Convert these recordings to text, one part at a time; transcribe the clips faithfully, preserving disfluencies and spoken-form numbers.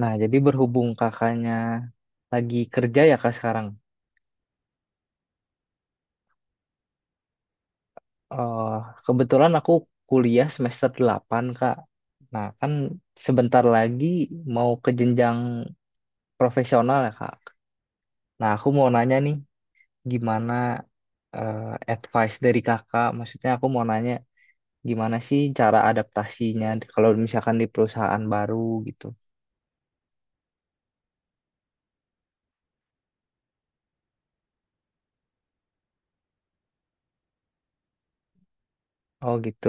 Nah, jadi berhubung kakaknya lagi kerja ya kak sekarang. Eh Kebetulan aku kuliah semester delapan kak. Nah, kan sebentar lagi mau ke jenjang profesional ya kak. Nah, aku mau nanya nih gimana eh, advice dari kakak. Maksudnya aku mau nanya gimana sih cara adaptasinya kalau misalkan di perusahaan baru gitu. Oh gitu.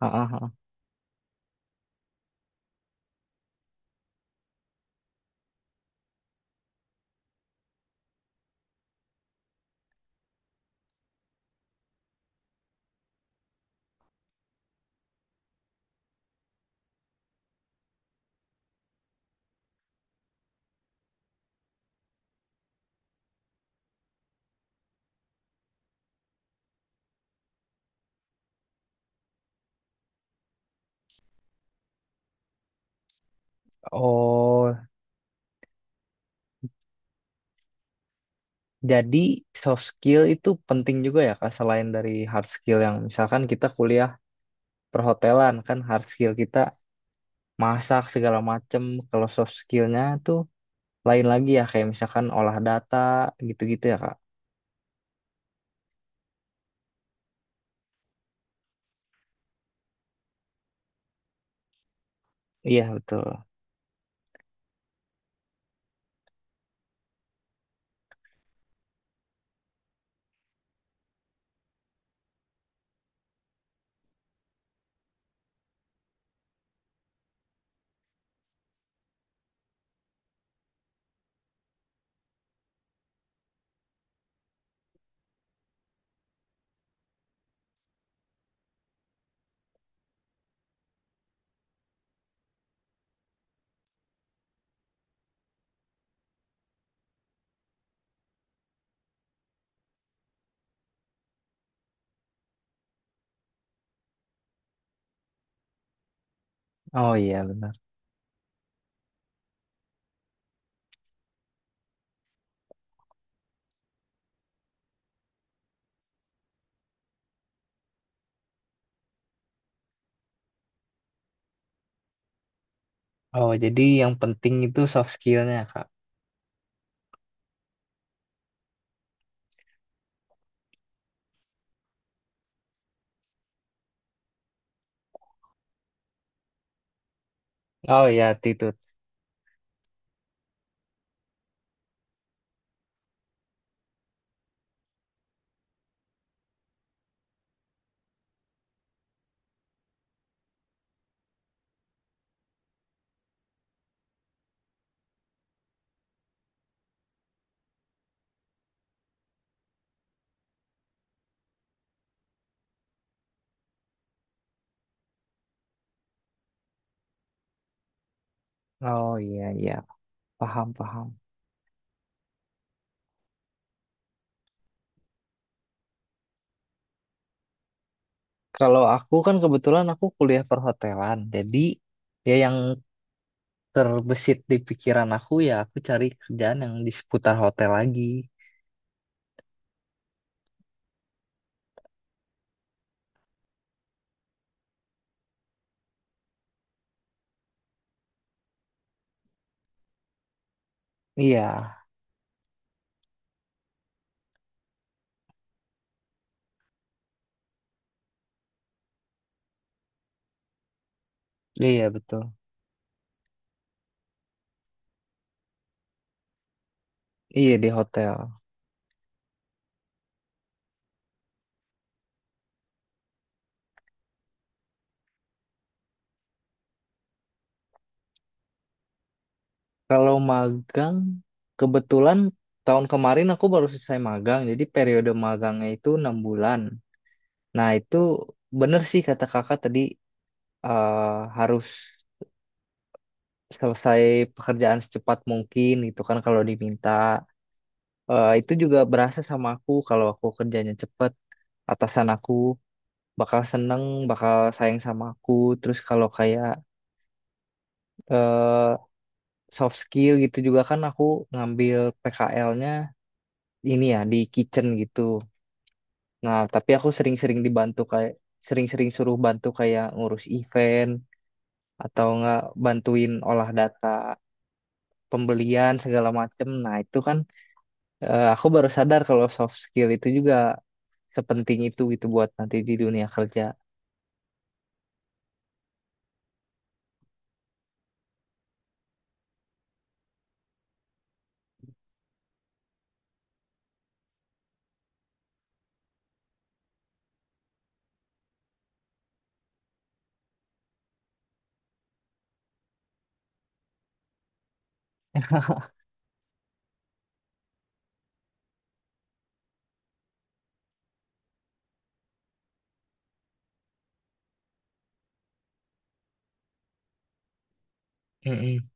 Ah, ah, ah. Oh, jadi soft skill itu penting juga ya Kak, selain dari hard skill yang misalkan kita kuliah perhotelan kan hard skill kita masak segala macem. Kalau soft skillnya tuh lain lagi ya kayak misalkan olah data gitu-gitu ya Kak. Iya betul. Oh iya benar. Oh jadi yang penting itu soft skillnya Kak. Oh iya attitude. Oh iya iya paham paham. Kalau aku kan kebetulan aku kuliah perhotelan jadi ya yang terbesit di pikiran aku ya aku cari kerjaan yang di seputar hotel lagi. Iya, iya betul. Iya di hotel. Kalau magang, kebetulan tahun kemarin aku baru selesai magang, jadi periode magangnya itu enam bulan. Nah itu bener sih kata kakak tadi eh, harus selesai pekerjaan secepat mungkin gitu kan kalau diminta. Eh, itu juga berasa sama aku kalau aku kerjanya cepet atasan aku bakal seneng, bakal sayang sama aku. Terus kalau kayak eh, soft skill gitu juga kan aku ngambil P K L-nya ini ya di kitchen gitu. Nah, tapi aku sering-sering dibantu kayak sering-sering suruh bantu kayak ngurus event atau nggak bantuin olah data pembelian segala macem. Nah, itu kan eh, aku baru sadar kalau soft skill itu juga sepenting itu gitu buat nanti di dunia kerja. Mm-mm.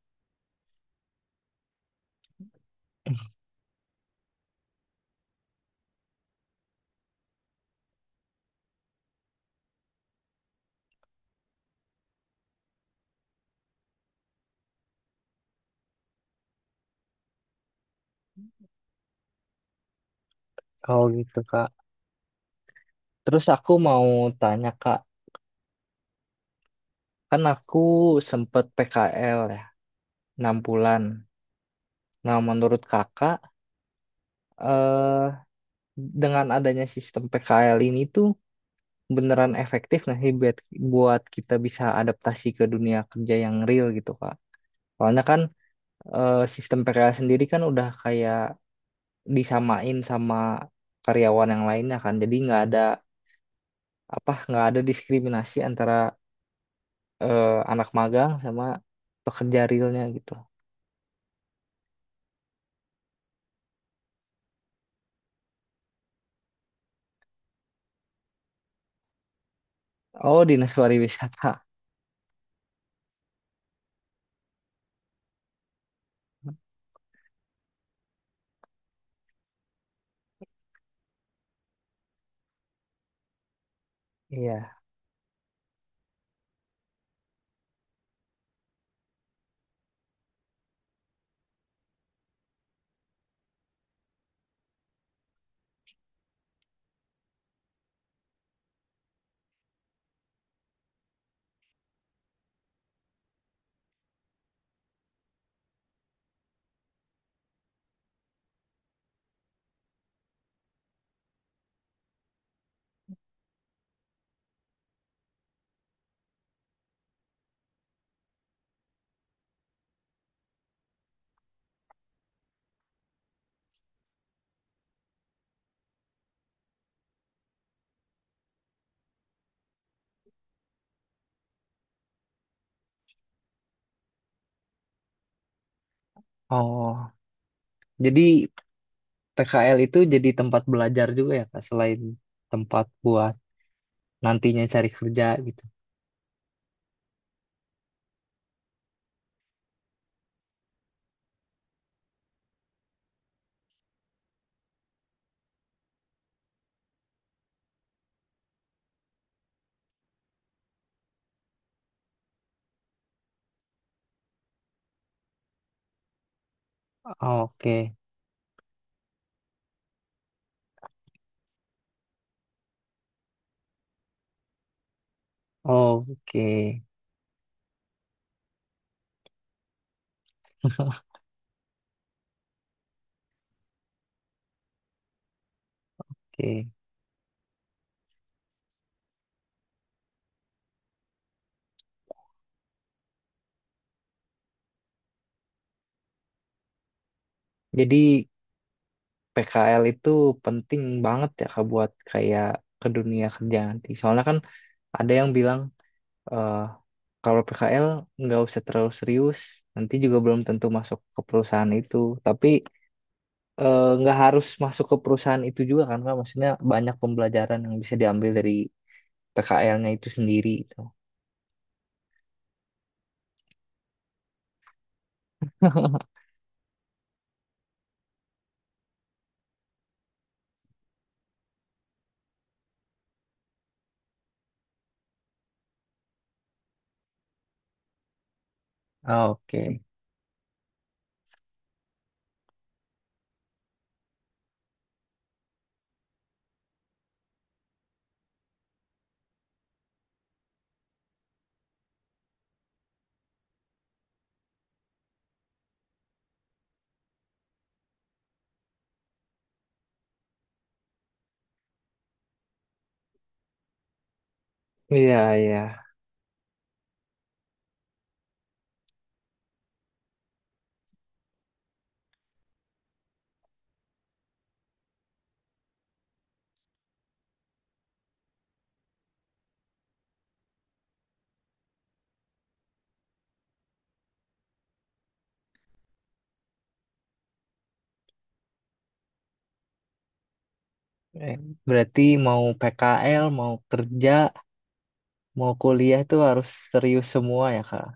Oh gitu Kak. Terus aku mau tanya Kak, kan aku sempet P K L ya, enam bulan. Nah, menurut Kakak, eh, dengan adanya sistem P K L ini tuh beneran efektif nggak sih buat, buat kita bisa adaptasi ke dunia kerja yang real gitu Kak? Soalnya kan eh, sistem P K L sendiri kan udah kayak disamain sama karyawan yang lainnya kan, jadi nggak ada apa, nggak ada diskriminasi antara eh, anak magang sama pekerja realnya gitu. Oh, Dinas Pariwisata. Iya. Oh, jadi P K L itu jadi tempat belajar juga ya, Kak, selain tempat buat nantinya cari kerja gitu. Oh, oke. Oh, oke. Oke. Jadi P K L itu penting banget ya Kak, buat kayak ke dunia kerja nanti. Soalnya kan ada yang bilang eh kalau P K L nggak usah terlalu serius, nanti juga belum tentu masuk ke perusahaan itu. Tapi eh, nggak harus masuk ke perusahaan itu juga kan Kak? Maksudnya banyak pembelajaran yang bisa diambil dari P K L-nya itu sendiri itu. Oke. Iya, iya. Eh, Berarti mau P K L, mau kerja, mau kuliah itu harus serius semua ya, Kak?